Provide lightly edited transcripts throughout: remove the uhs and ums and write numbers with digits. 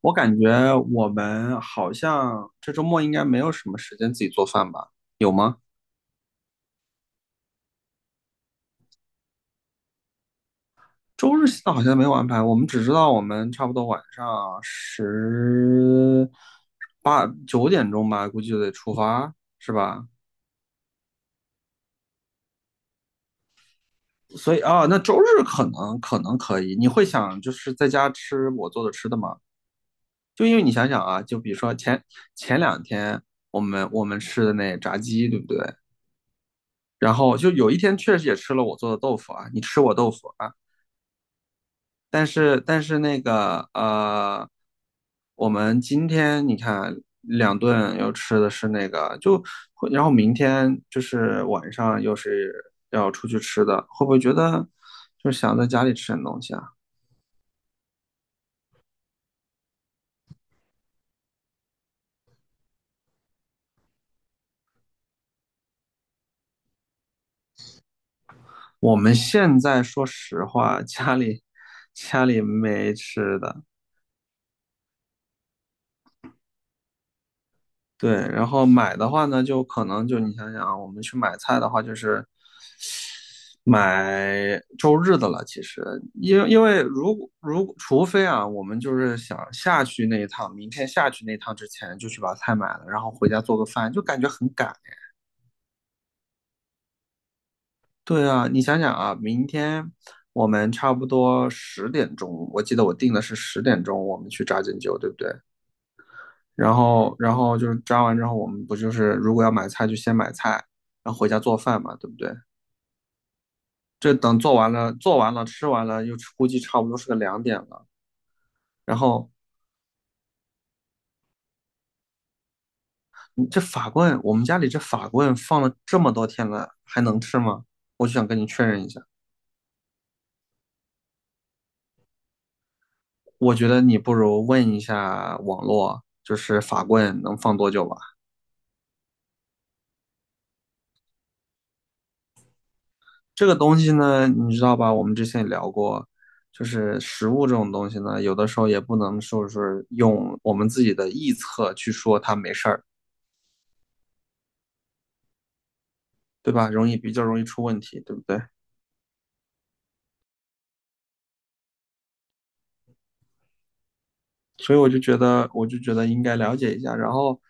我感觉我们好像这周末应该没有什么时间自己做饭吧？有吗？周日现在好像没有安排，我们只知道我们差不多晚上十8、9点钟吧，估计就得出发，是吧？所以啊，那周日可能可以，你会想就是在家吃我做的吃的吗？就因为你想想啊，就比如说前两天我们吃的那炸鸡，对不对？然后就有一天确实也吃了我做的豆腐啊，你吃我豆腐啊，但是那个我们今天你看两顿又吃的是那个，就会然后明天就是晚上又是要出去吃的，会不会觉得就想在家里吃点东西啊？我们现在说实话，家里没吃的，对，然后买的话呢，就可能就你想想啊，我们去买菜的话，就是买周日的了，其实，因为如果除非啊，我们就是想下去那一趟，明天下去那一趟之前就去把菜买了，然后回家做个饭，就感觉很赶。对啊，你想想啊，明天我们差不多十点钟，我记得我定的是十点钟，我们去扎针灸，对不对？然后就是扎完之后，我们不就是如果要买菜就先买菜，然后回家做饭嘛，对不对？这等做完了，做完了，吃完了，又估计差不多是个2点了。然后这法棍，我们家里这法棍放了这么多天了，还能吃吗？我就想跟你确认一下。我觉得你不如问一下网络，就是法棍能放多久吧？这个东西呢，你知道吧？我们之前也聊过，就是食物这种东西呢，有的时候也不能说是用我们自己的臆测去说它没事儿，对吧？容易比较容易出问题，对不对？所以我就觉得，我就觉得应该了解一下。然后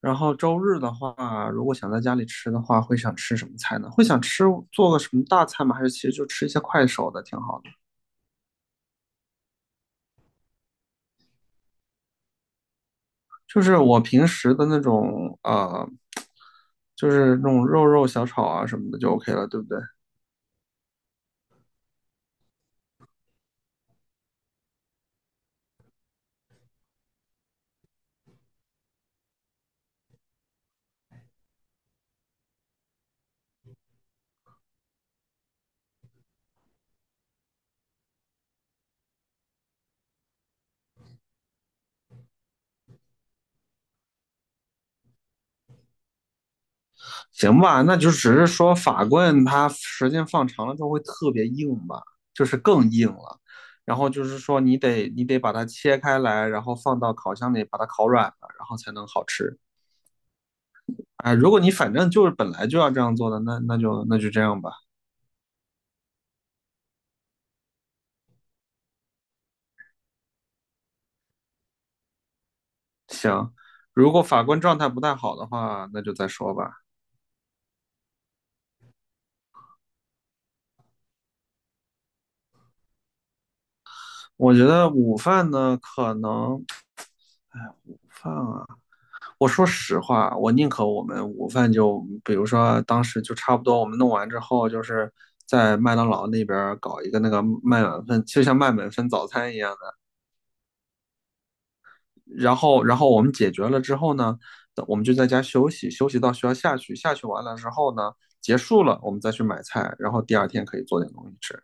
然后周日的话，如果想在家里吃的话，会想吃什么菜呢？会想吃做个什么大菜吗？还是其实就吃一些快手的挺好的？就是我平时的那种就是那种肉肉小炒啊什么的就 OK 了，对不对？行吧，那就只是说法棍它时间放长了之后会特别硬吧，就是更硬了。然后就是说你得把它切开来，然后放到烤箱里把它烤软了，然后才能好吃。啊，如果你反正就是本来就要这样做的，那就这样吧。行，如果法官状态不太好的话，那就再说吧。我觉得午饭呢，可能，哎，午饭啊，我说实话，我宁可我们午饭就，比如说当时就差不多，我们弄完之后，就是在麦当劳那边搞一个那个麦满分，就像麦满分早餐一样。然后，然后我们解决了之后呢，我们就在家休息，休息到学校下去，下去完了之后呢，结束了，我们再去买菜，然后第二天可以做点东西吃。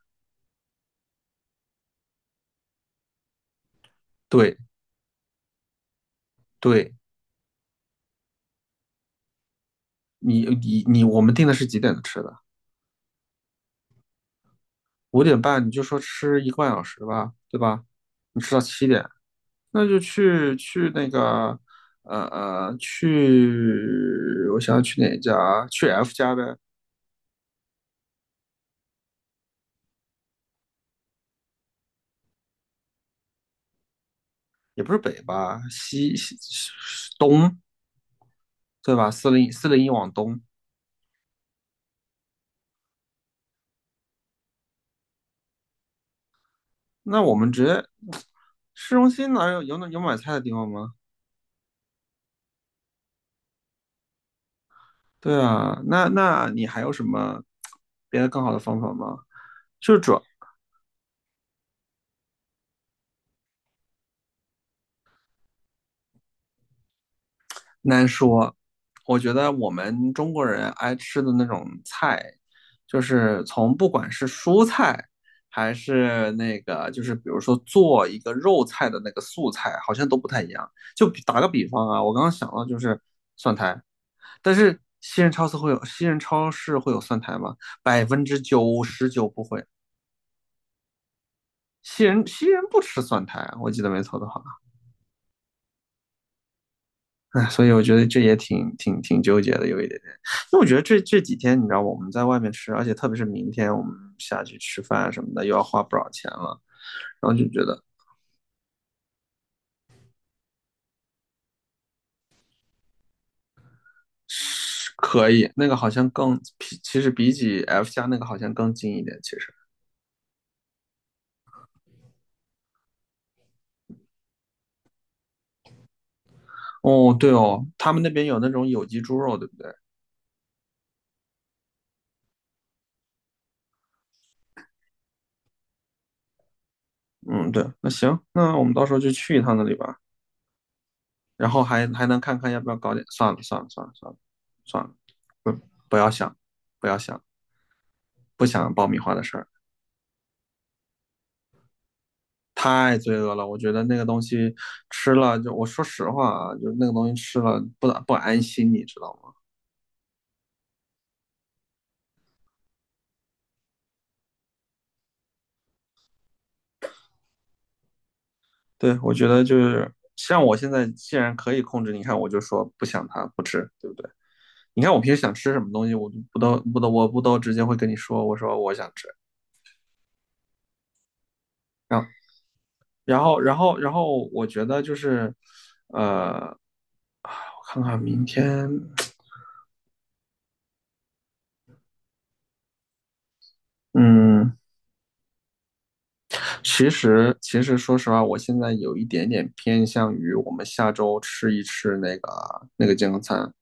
对，对，你，我们定的是几点吃的？5点半，你就说吃1个半小时吧，对吧？你吃到7点，那就去那个，去，我想想去哪家？去 F 家呗，也不是北吧，西东，对吧？40401往东。那我们直接市中心哪有买菜的地方吗？对啊，那那你还有什么别的更好的方法吗？就是主难说，我觉得我们中国人爱吃的那种菜，就是从不管是蔬菜还是那个，就是比如说做一个肉菜的那个素菜，好像都不太一样。就比打个比方啊，我刚刚想到就是蒜苔，但是西人超市会有蒜苔吗？99%不会。西人不吃蒜苔，我记得没错的话，哎，所以我觉得这也挺纠结的，有一点点。因为我觉得这几天，你知道我们在外面吃，而且特别是明天我们下去吃饭什么的，又要花不少钱了，然后就觉得可以，那个好像更，其实比起 F 家那个好像更近一点。其实，哦，对哦，他们那边有那种有机猪肉，对不对？嗯，对，那行，那我们到时候就去一趟那里吧，然后还能看看要不要搞点，算了算了算了算了算了，不不要想，不要想，不想爆米花的事儿，太罪恶了。我觉得那个东西吃了就，我说实话啊，就那个东西吃了不安心，你知道吗？对，我觉得就是像我现在既然可以控制，你看我就说不想它不吃，对不对？你看我平时想吃什么东西，我就不都我不都直接会跟你说，我说我想吃。然后然后，我觉得就是，呃，我看看明天，嗯，其实，其实说实话，我现在有一点点偏向于我们下周吃一吃那个那个健康餐，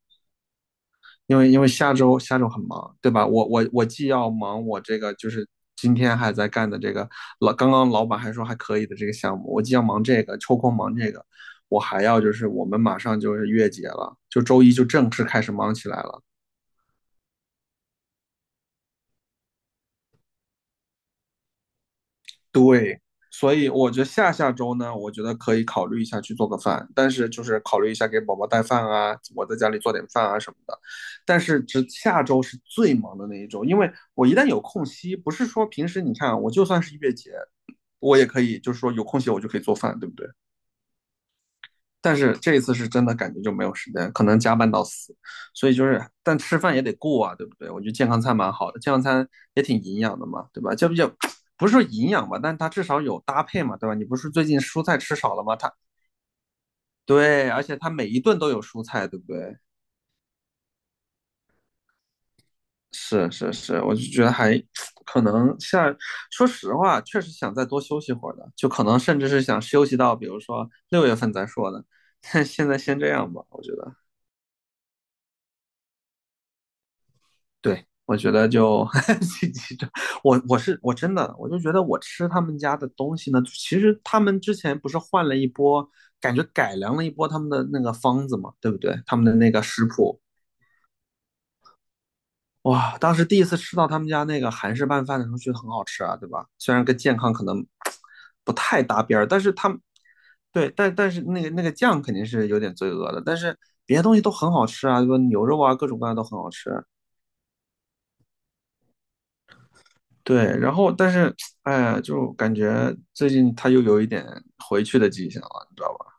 因为下周很忙，对吧？我既要忙我这个就是今天还在干的这个刚刚老板还说还可以的这个项目，我既要忙这个，抽空忙这个，我还要就是我们马上就是月结了，就周一就正式开始忙起来了。对，所以我觉得下下周呢，我觉得可以考虑一下去做个饭，但是就是考虑一下给宝宝带饭啊，我在家里做点饭啊什么的。但是只下周是最忙的那一周，因为我一旦有空隙，不是说平时你看啊我就算是一月节，我也可以就是说有空隙我就可以做饭，对不对？但是这一次是真的感觉就没有时间，可能加班到死，所以就是，但吃饭也得过啊，对不对？我觉得健康餐蛮好的，健康餐也挺营养的嘛，对吧？就比较不是说营养吧，但它至少有搭配嘛，对吧？你不是最近蔬菜吃少了吗？它对，而且它每一顿都有蔬菜，对不对？是是是，我就觉得还可能下，说实话，确实想再多休息会儿的，就可能甚至是想休息到，比如说6月份再说的，但现在先这样吧，我觉得。对，我觉得就 我我是我真的我就觉得我吃他们家的东西呢，其实他们之前不是换了一波，感觉改良了一波他们的那个方子嘛，对不对？他们的那个食谱，哇，当时第一次吃到他们家那个韩式拌饭的时候，觉得很好吃啊，对吧？虽然跟健康可能不太搭边儿，但是他们对，但是那个那个酱肯定是有点罪恶的，但是别的东西都很好吃啊，对吧？牛肉啊，各种各样都很好吃。对，然后但是，哎呀，就感觉最近他又有一点回去的迹象了，你知道吧？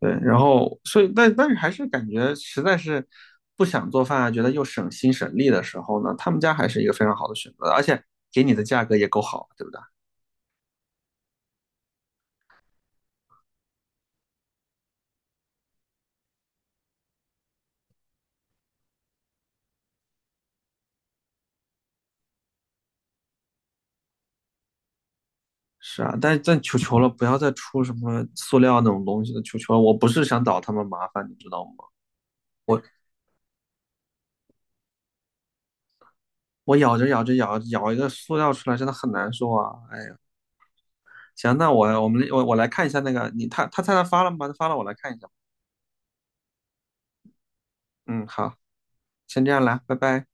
对，然后所以，但是还是感觉实在是不想做饭啊，觉得又省心省力的时候呢，他们家还是一个非常好的选择，而且给你的价格也够好，对不对？是啊，但求求了，不要再出什么塑料那种东西了，求求了，我不是想找他们麻烦，你知道吗？我咬着咬着一个塑料出来，真的很难受啊！哎呀，行，那我我们我我来看一下那个你他菜单发了吗？发了，我来看一下。嗯，好，先这样啦，拜拜。